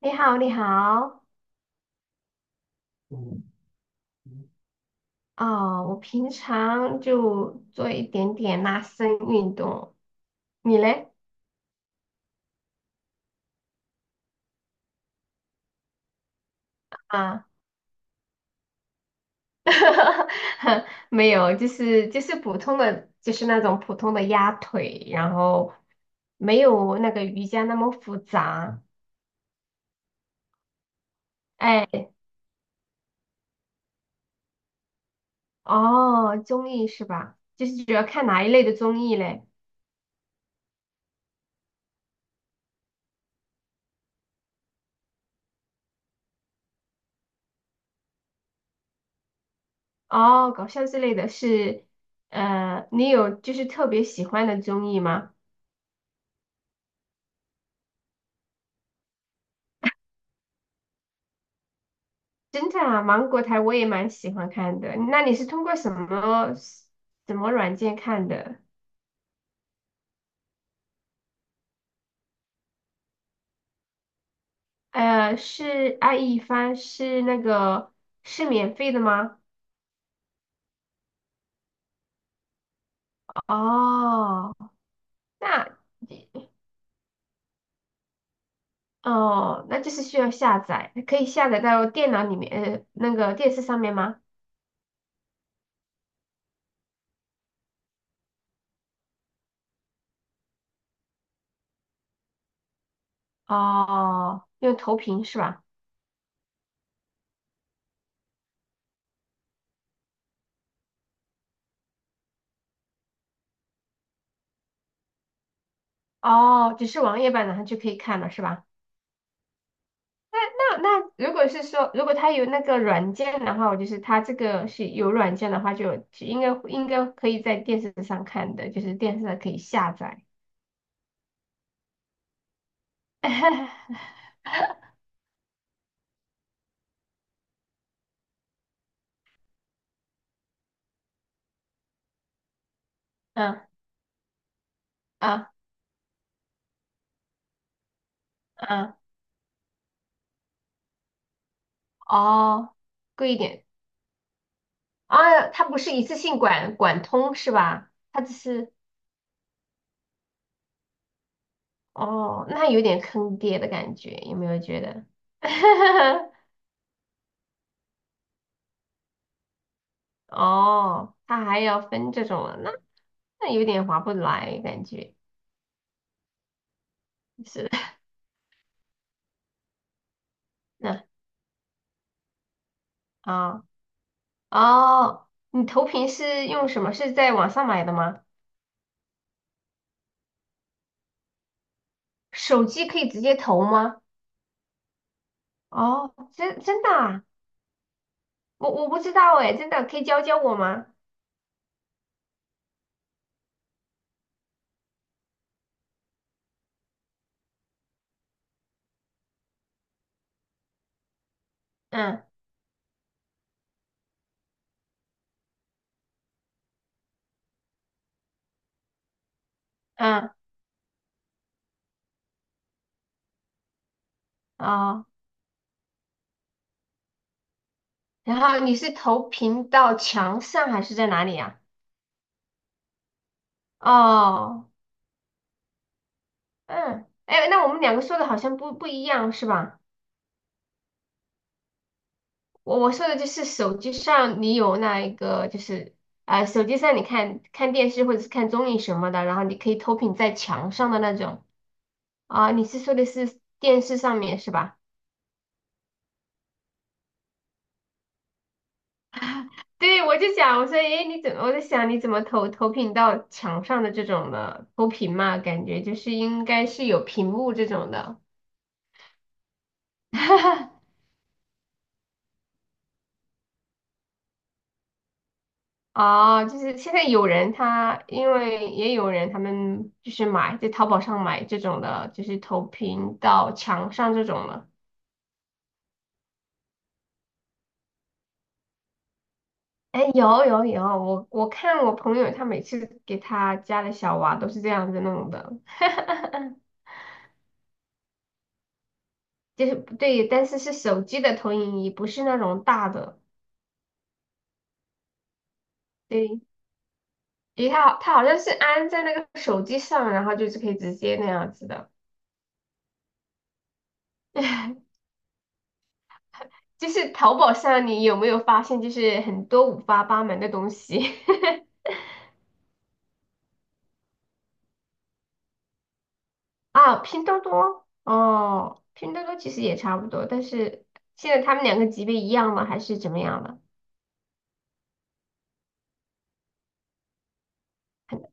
你好，你好。哦，我平常就做一点点拉伸运动。你嘞？啊，没有，就是普通的，就是那种普通的压腿，然后没有那个瑜伽那么复杂。哎，哦，综艺是吧？就是主要看哪一类的综艺嘞？哦，搞笑之类的是，你有就是特别喜欢的综艺吗？侦探啊，芒果台我也蛮喜欢看的。那你是通过什么软件看的？是爱一帆是那个是免费的吗？哦，那哦，那就是需要下载，可以下载到电脑里面，那个电视上面吗？哦，用投屏是吧？哦，只是网页版然后就可以看了是吧？那如果是说，如果它有那个软件的话，我就是它这个是有软件的话就，就应该可以在电视上看的，就是电视上可以下载。嗯。啊。啊。哦，贵一点。啊，它不是一次性管通是吧？它只是哦，那有点坑爹的感觉，有没有觉得？哦，它还要分这种了，那那有点划不来感觉。是。 那啊。哦，你投屏是用什么？是在网上买的吗？手机可以直接投吗？哦，真的啊，我不知道哎，真的可以教教我吗？嗯。嗯。哦，然后你是投屏到墙上还是在哪里呀？哦，嗯，哎，那我们两个说的好像不一样是吧？我说的就是手机上你有那一个就是手机上你看看电视或者是看综艺什么的，然后你可以投屏在墙上的那种。啊，你是说的是电视上面是吧？对，我就想，我说，诶，你怎么？我在想，你怎么投屏到墙上的这种的投屏嘛？感觉就是应该是有屏幕这种的。哦，就是现在有人他，因为也有人他们就是买在淘宝上买这种的，就是投屏到墙上这种的。哎，有有有，我看我朋友他每次给他家的小娃都是这样子弄的。就是对，但是是手机的投影仪，不是那种大的。对，因为它好它好像是安在那个手机上，然后就是可以直接那样子的。就是淘宝上，你有没有发现，就是很多五花八门的东西。 啊？拼多多哦，拼多多其实也差不多，但是现在他们两个级别一样吗？还是怎么样的？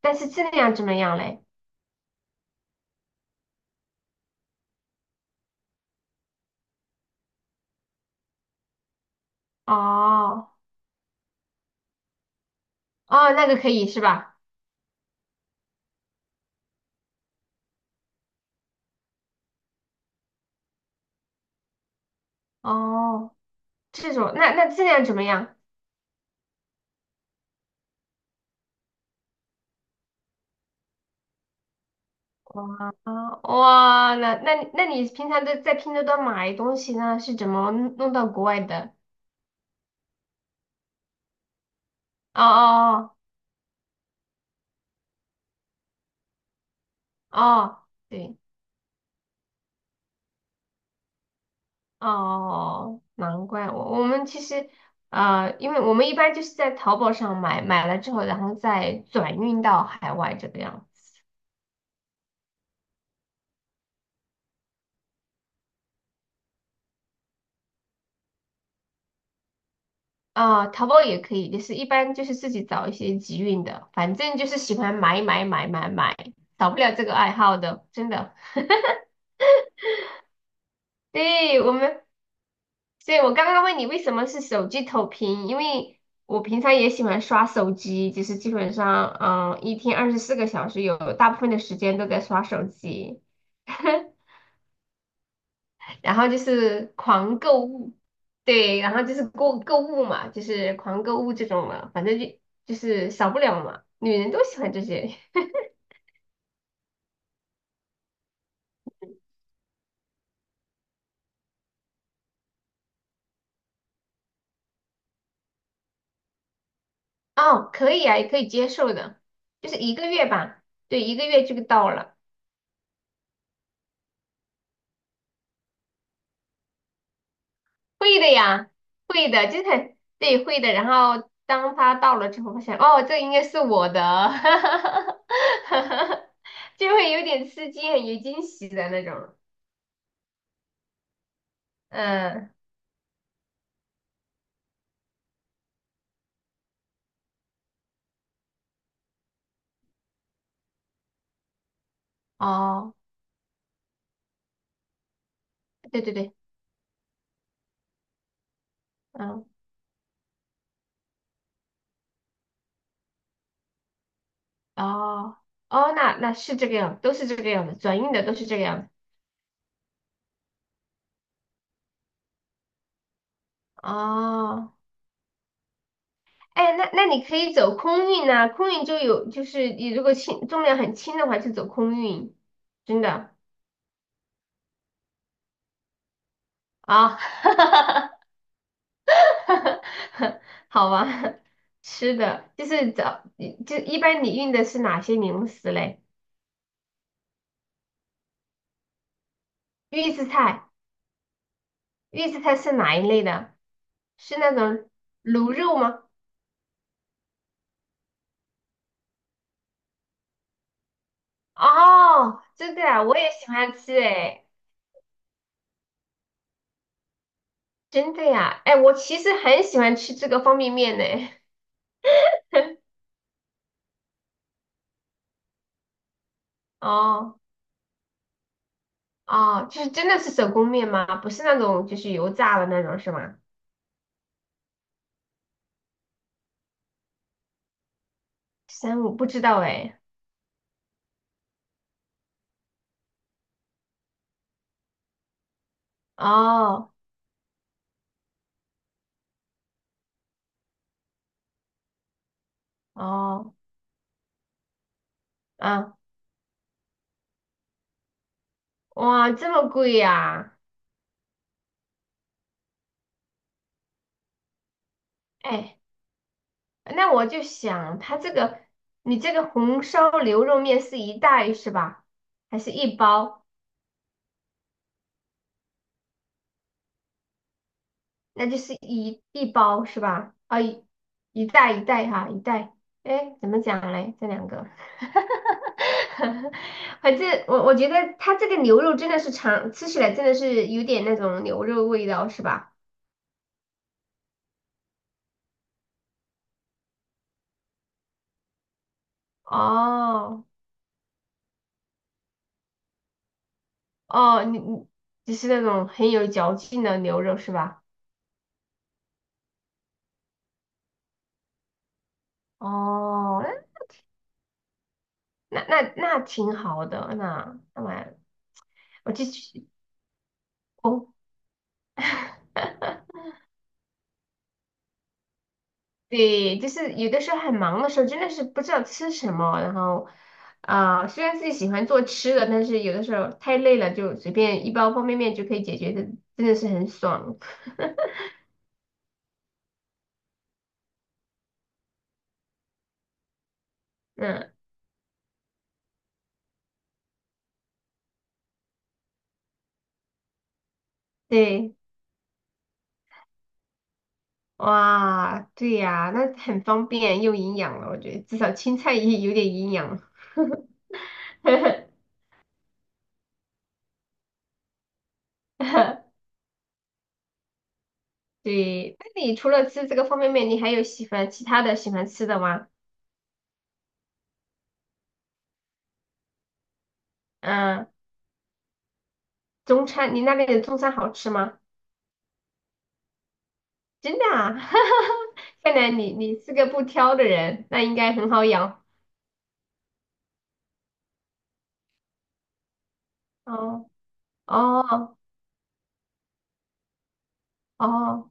但是质量怎么样嘞？哦哦，那个可以是吧？哦，这种，那质量怎么样？啊，哇，那你平常都在拼多多买东西呢？是怎么弄到国外的？哦哦。哦哦。对。哦，难怪我们其实因为我们一般就是在淘宝上买，买了之后，然后再转运到海外这个样子。啊、淘宝也可以，就是一般就是自己找一些集运的，反正就是喜欢买买买买买，少不了这个爱好的，真的。对，我们，所以我刚刚问你为什么是手机投屏，因为我平常也喜欢刷手机，就是基本上，嗯，一天24个小时有大部分的时间都在刷手机。然后就是狂购物。对，然后就是购物嘛，就是狂购物这种嘛，反正就就是少不了嘛，女人都喜欢这些。哦，可以啊，也可以接受的，就是一个月吧。对，一个月就到了。会的呀，会的，就是很对，会的。然后当他到了之后，发现哦，这应该是我的。就会有点吃惊，很有惊喜的那种。嗯。哦，对对对。嗯。哦。哦，那是这个样，都是这个样子，转运的都是这个样子。哦。哎，那你可以走空运呐，空运就有，就是你如果轻重量很轻的话，就走空运，真的啊。好吧，吃的就是找，就一般你运的是哪些零食嘞？预制菜。预制菜是哪一类的？是那种卤肉吗？哦，真的啊，我也喜欢吃诶。真的呀，哎，我其实很喜欢吃这个方便面呢。哦哦，就是真的是手工面吗？不是那种就是油炸的那种是吗？三五不知道哎。哦哦。啊，哇，这么贵呀。哎。那我就想，它这个你这个红烧牛肉面是一袋是吧？还是一包？那就是一包是吧？啊、一一袋一袋哈，一袋。哎，怎么讲嘞？这两个，反正我我觉得它这个牛肉真的是尝吃起来真的是有点那种牛肉味道是吧？哦哦，你就是那种很有嚼劲的牛肉是吧？哦，那挺好的，那蛮。我就去哦，对，就是有的时候很忙的时候，真的是不知道吃什么，然后虽然自己喜欢做吃的，但是有的时候太累了，就随便一包方便面就可以解决的，真的是很爽。嗯。对。哇，对呀，那很方便又营养了，我觉得至少青菜也有点营养。对，那你除了吃这个方便面，你还有喜欢其他的喜欢吃的吗？嗯。中餐，你那边的中餐好吃吗？真的啊？看来你是个不挑的人，那应该很好养。哦哦哦。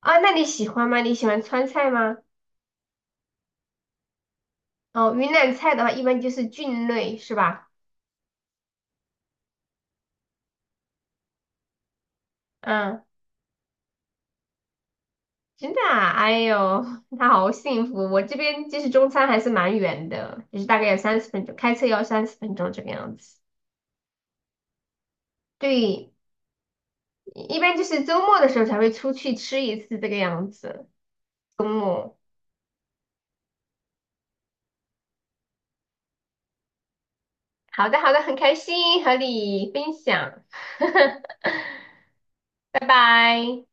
啊，那你喜欢吗？你喜欢川菜吗？哦，云南菜的话一般就是菌类是吧？嗯。真的啊，哎呦，那好幸福。我这边其实中餐还是蛮远的，就是大概有三十分钟，开车要三十分钟这个样子。对，一般就是周末的时候才会出去吃一次这个样子，周末。好的，好的，很开心和你分享。拜拜。